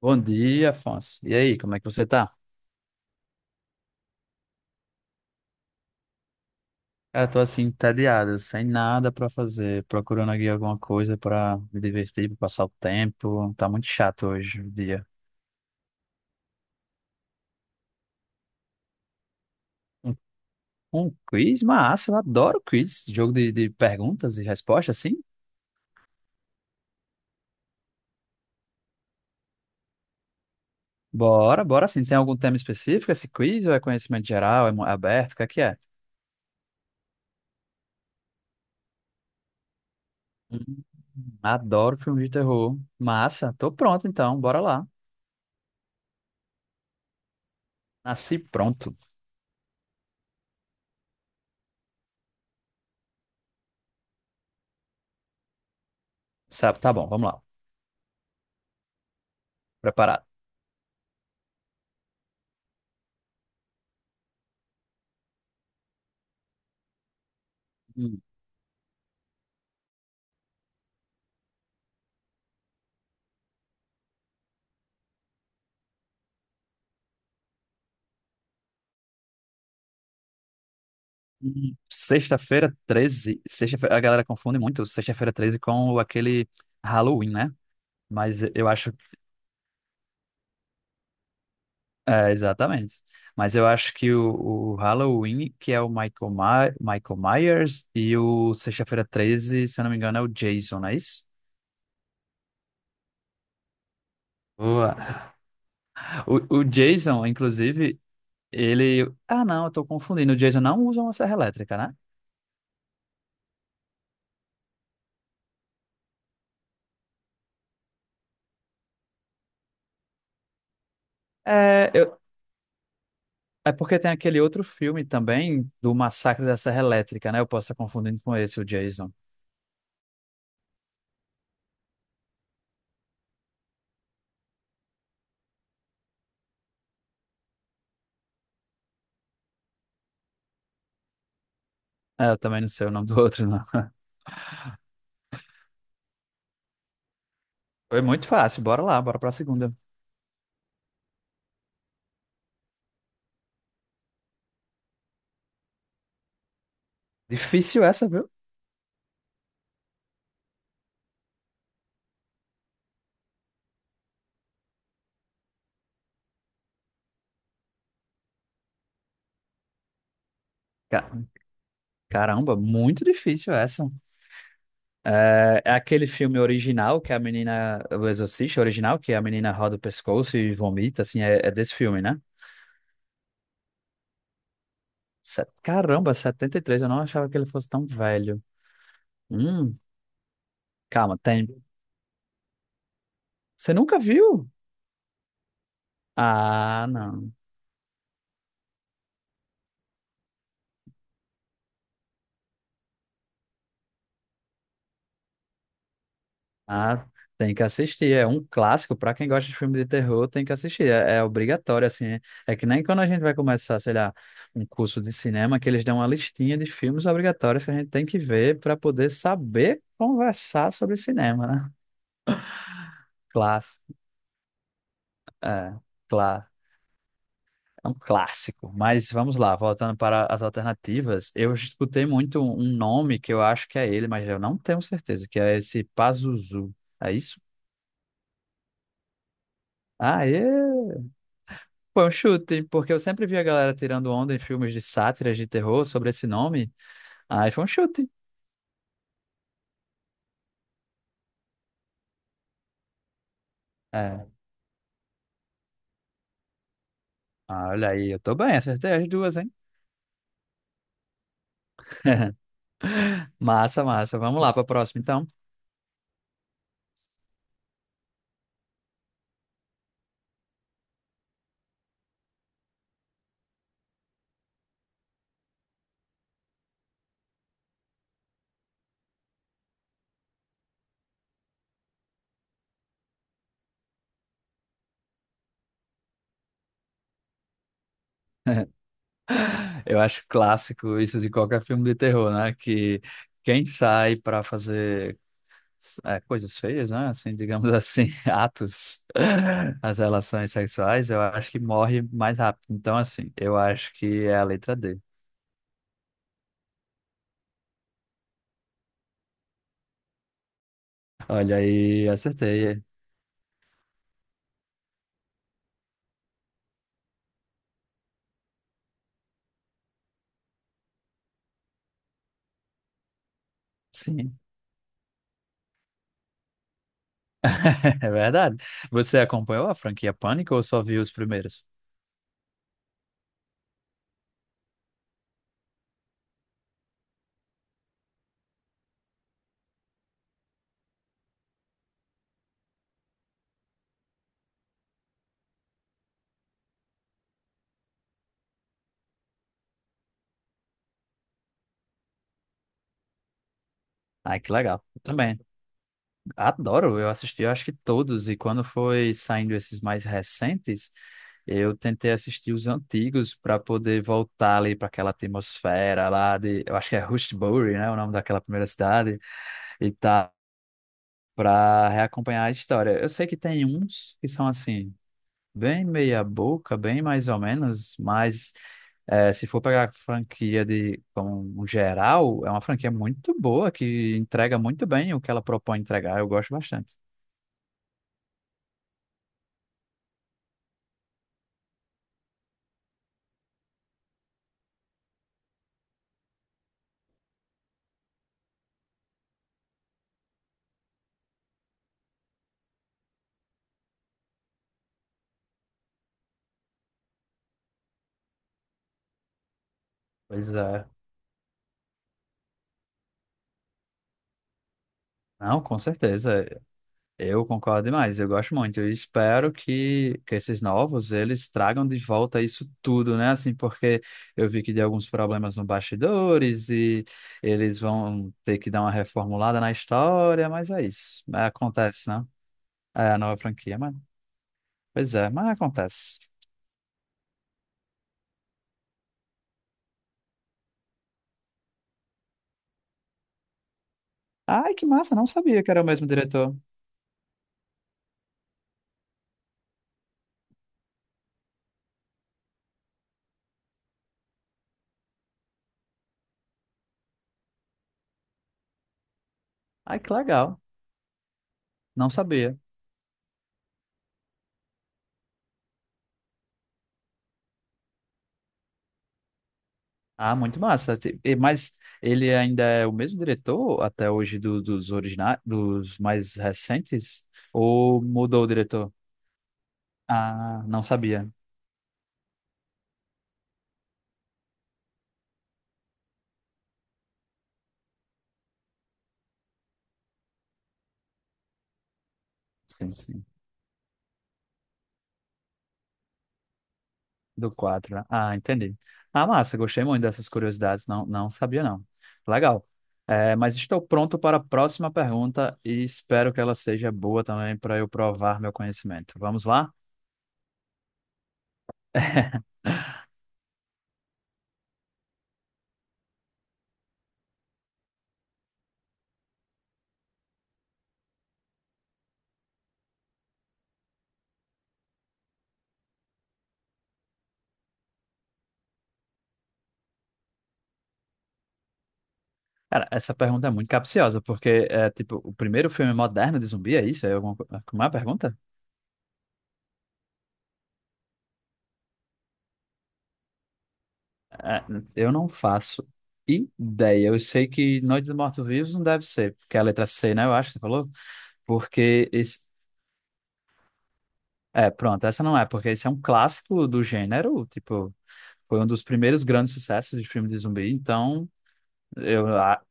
Bom dia, Afonso. E aí, como é que você tá? Cara, tô assim, entediado, sem nada pra fazer, procurando aqui alguma coisa pra me divertir, pra passar o tempo. Tá muito chato hoje o dia. Um, um quiz? Massa, eu adoro quiz. Jogo de perguntas e respostas, assim. Bora sim. Tem algum tema específico esse quiz ou é conhecimento geral, é aberto, o que é que é? Hum, adoro filme de terror. Massa, tô pronto então, bora lá. Nasci pronto. Sabe, tá bom, vamos lá. Preparado. Hum. Sexta-feira 13, Sexta-feira, a galera confunde muito sexta-feira 13 com aquele Halloween, né? Mas eu acho. É, exatamente. Mas eu acho que o Halloween, que é o Michael, Michael Myers, e o Sexta-feira 13, se eu não me engano, é o Jason, não é isso? Boa. O Jason, inclusive, ele. Ah, não, eu tô confundindo. O Jason não usa uma serra elétrica, né? É, é porque tem aquele outro filme também do Massacre da Serra Elétrica, né? Eu posso estar confundindo com esse, o Jason. É, eu também não sei o nome do outro, não. Foi muito fácil, bora lá, bora pra segunda. Difícil essa, viu? Ca- Caramba, muito difícil essa. É, é aquele filme original que a menina, o Exorcista original, que a menina roda o pescoço e vomita, assim, é, é desse filme, né? Caramba, 73 eu não achava que ele fosse tão velho. Hum, calma, tem. Você nunca viu? Ah, não. Ah, tem que assistir. É um clássico para quem gosta de filme de terror, tem que assistir. É, é obrigatório, assim. É que nem quando a gente vai começar, sei lá, um curso de cinema, que eles dão uma listinha de filmes obrigatórios que a gente tem que ver para poder saber conversar sobre cinema, né? Clássico. É, claro. É um clássico. Mas vamos lá, voltando para as alternativas, eu escutei muito um nome que eu acho que é ele, mas eu não tenho certeza, que é esse Pazuzu. É isso? Ah, Foi um chute, porque eu sempre vi a galera tirando onda em filmes de sátiras de terror sobre esse nome. Aí foi um chute. É. Ah, olha aí, eu tô bem, acertei as duas, hein? Massa, massa. Vamos lá pra próxima, então. Eu acho clássico isso de qualquer filme de terror, né? Que quem sai pra fazer é, coisas feias, né? Assim, digamos assim, atos, as relações sexuais, eu acho que morre mais rápido. Então, assim, eu acho que é a letra D. Olha aí, acertei. Sim. É verdade. Você acompanhou a franquia Pânico ou só viu os primeiros? Ai, que legal. Eu também. Adoro. Eu assisti, eu acho que todos. E quando foi saindo esses mais recentes, eu tentei assistir os antigos para poder voltar ali para aquela atmosfera lá de. Eu acho que é Rushbury, né? O nome daquela primeira cidade. E tá. Para reacompanhar a história. Eu sei que tem uns que são assim. Bem meia boca, bem mais ou menos, mas se for pegar a franquia de como um geral, é uma franquia muito boa, que entrega muito bem o que ela propõe entregar, eu gosto bastante. Pois é. Não, com certeza, eu concordo demais, eu gosto muito, eu espero que esses novos, eles tragam de volta isso tudo, né, assim, porque eu vi que deu alguns problemas no bastidores e eles vão ter que dar uma reformulada na história, mas é isso, é, acontece, né? É, a nova franquia, mano. Pois é, mas acontece. Ai, que massa, não sabia que era o mesmo diretor. Ai, que legal, não sabia. Ah, muito massa. Mas ele ainda é o mesmo diretor até hoje dos originais, dos mais recentes? Ou mudou o diretor? Ah, não sabia. Sim, sim. Do 4. Né? Ah, entendi. Ah, massa, gostei muito dessas curiosidades. Não, não sabia, não. Legal. É, mas estou pronto para a próxima pergunta e espero que ela seja boa também para eu provar meu conhecimento. Vamos lá? Cara, essa pergunta é muito capciosa, porque é tipo, o primeiro filme moderno de zumbi é isso? É alguma, é como é a pergunta? É, eu não faço ideia. Eu sei que Noite dos Mortos-Vivos não deve ser, porque é a letra C, né? Eu acho que você falou. Porque esse, é, pronto, essa não é, porque esse é um clássico do gênero, tipo, foi um dos primeiros grandes sucessos de filme de zumbi, então eu. a-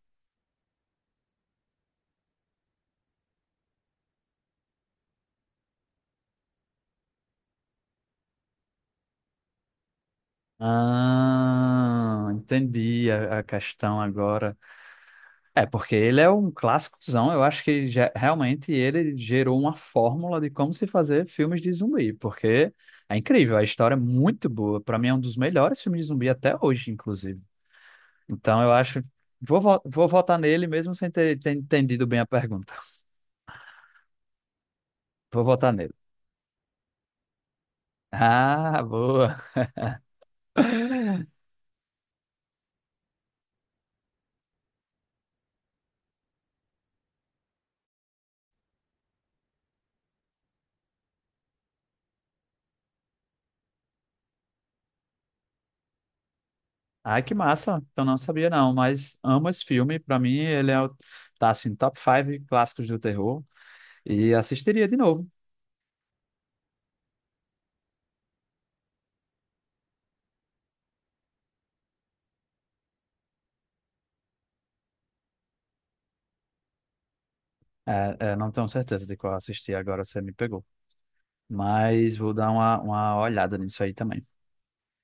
Ah, entendi a questão agora. É, porque ele é um clássicozão, eu acho que realmente ele gerou uma fórmula de como se fazer filmes de zumbi, porque é incrível, a história é muito boa, pra mim é um dos melhores filmes de zumbi até hoje, inclusive. Então eu acho. Vou votar nele mesmo sem ter entendido bem a pergunta. Vou votar nele. Ah, boa. Ai, que massa. Então não sabia não, mas amo esse filme. Pra mim ele é tá assim, top 5 clássicos do terror e assistiria de novo. É, é, não tenho certeza de qual assisti agora, você me pegou. Mas vou dar uma olhada nisso aí também.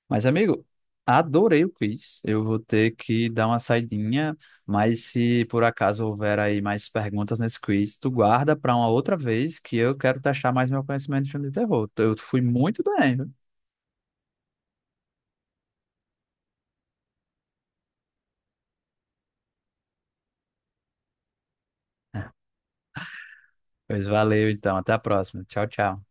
Mas amigo, adorei o quiz. Eu vou ter que dar uma saidinha, mas se por acaso houver aí mais perguntas nesse quiz, tu guarda para uma outra vez que eu quero testar mais meu conhecimento de filme de terror. Eu fui muito bem, viu? Pois valeu, então. Até a próxima. Tchau, tchau.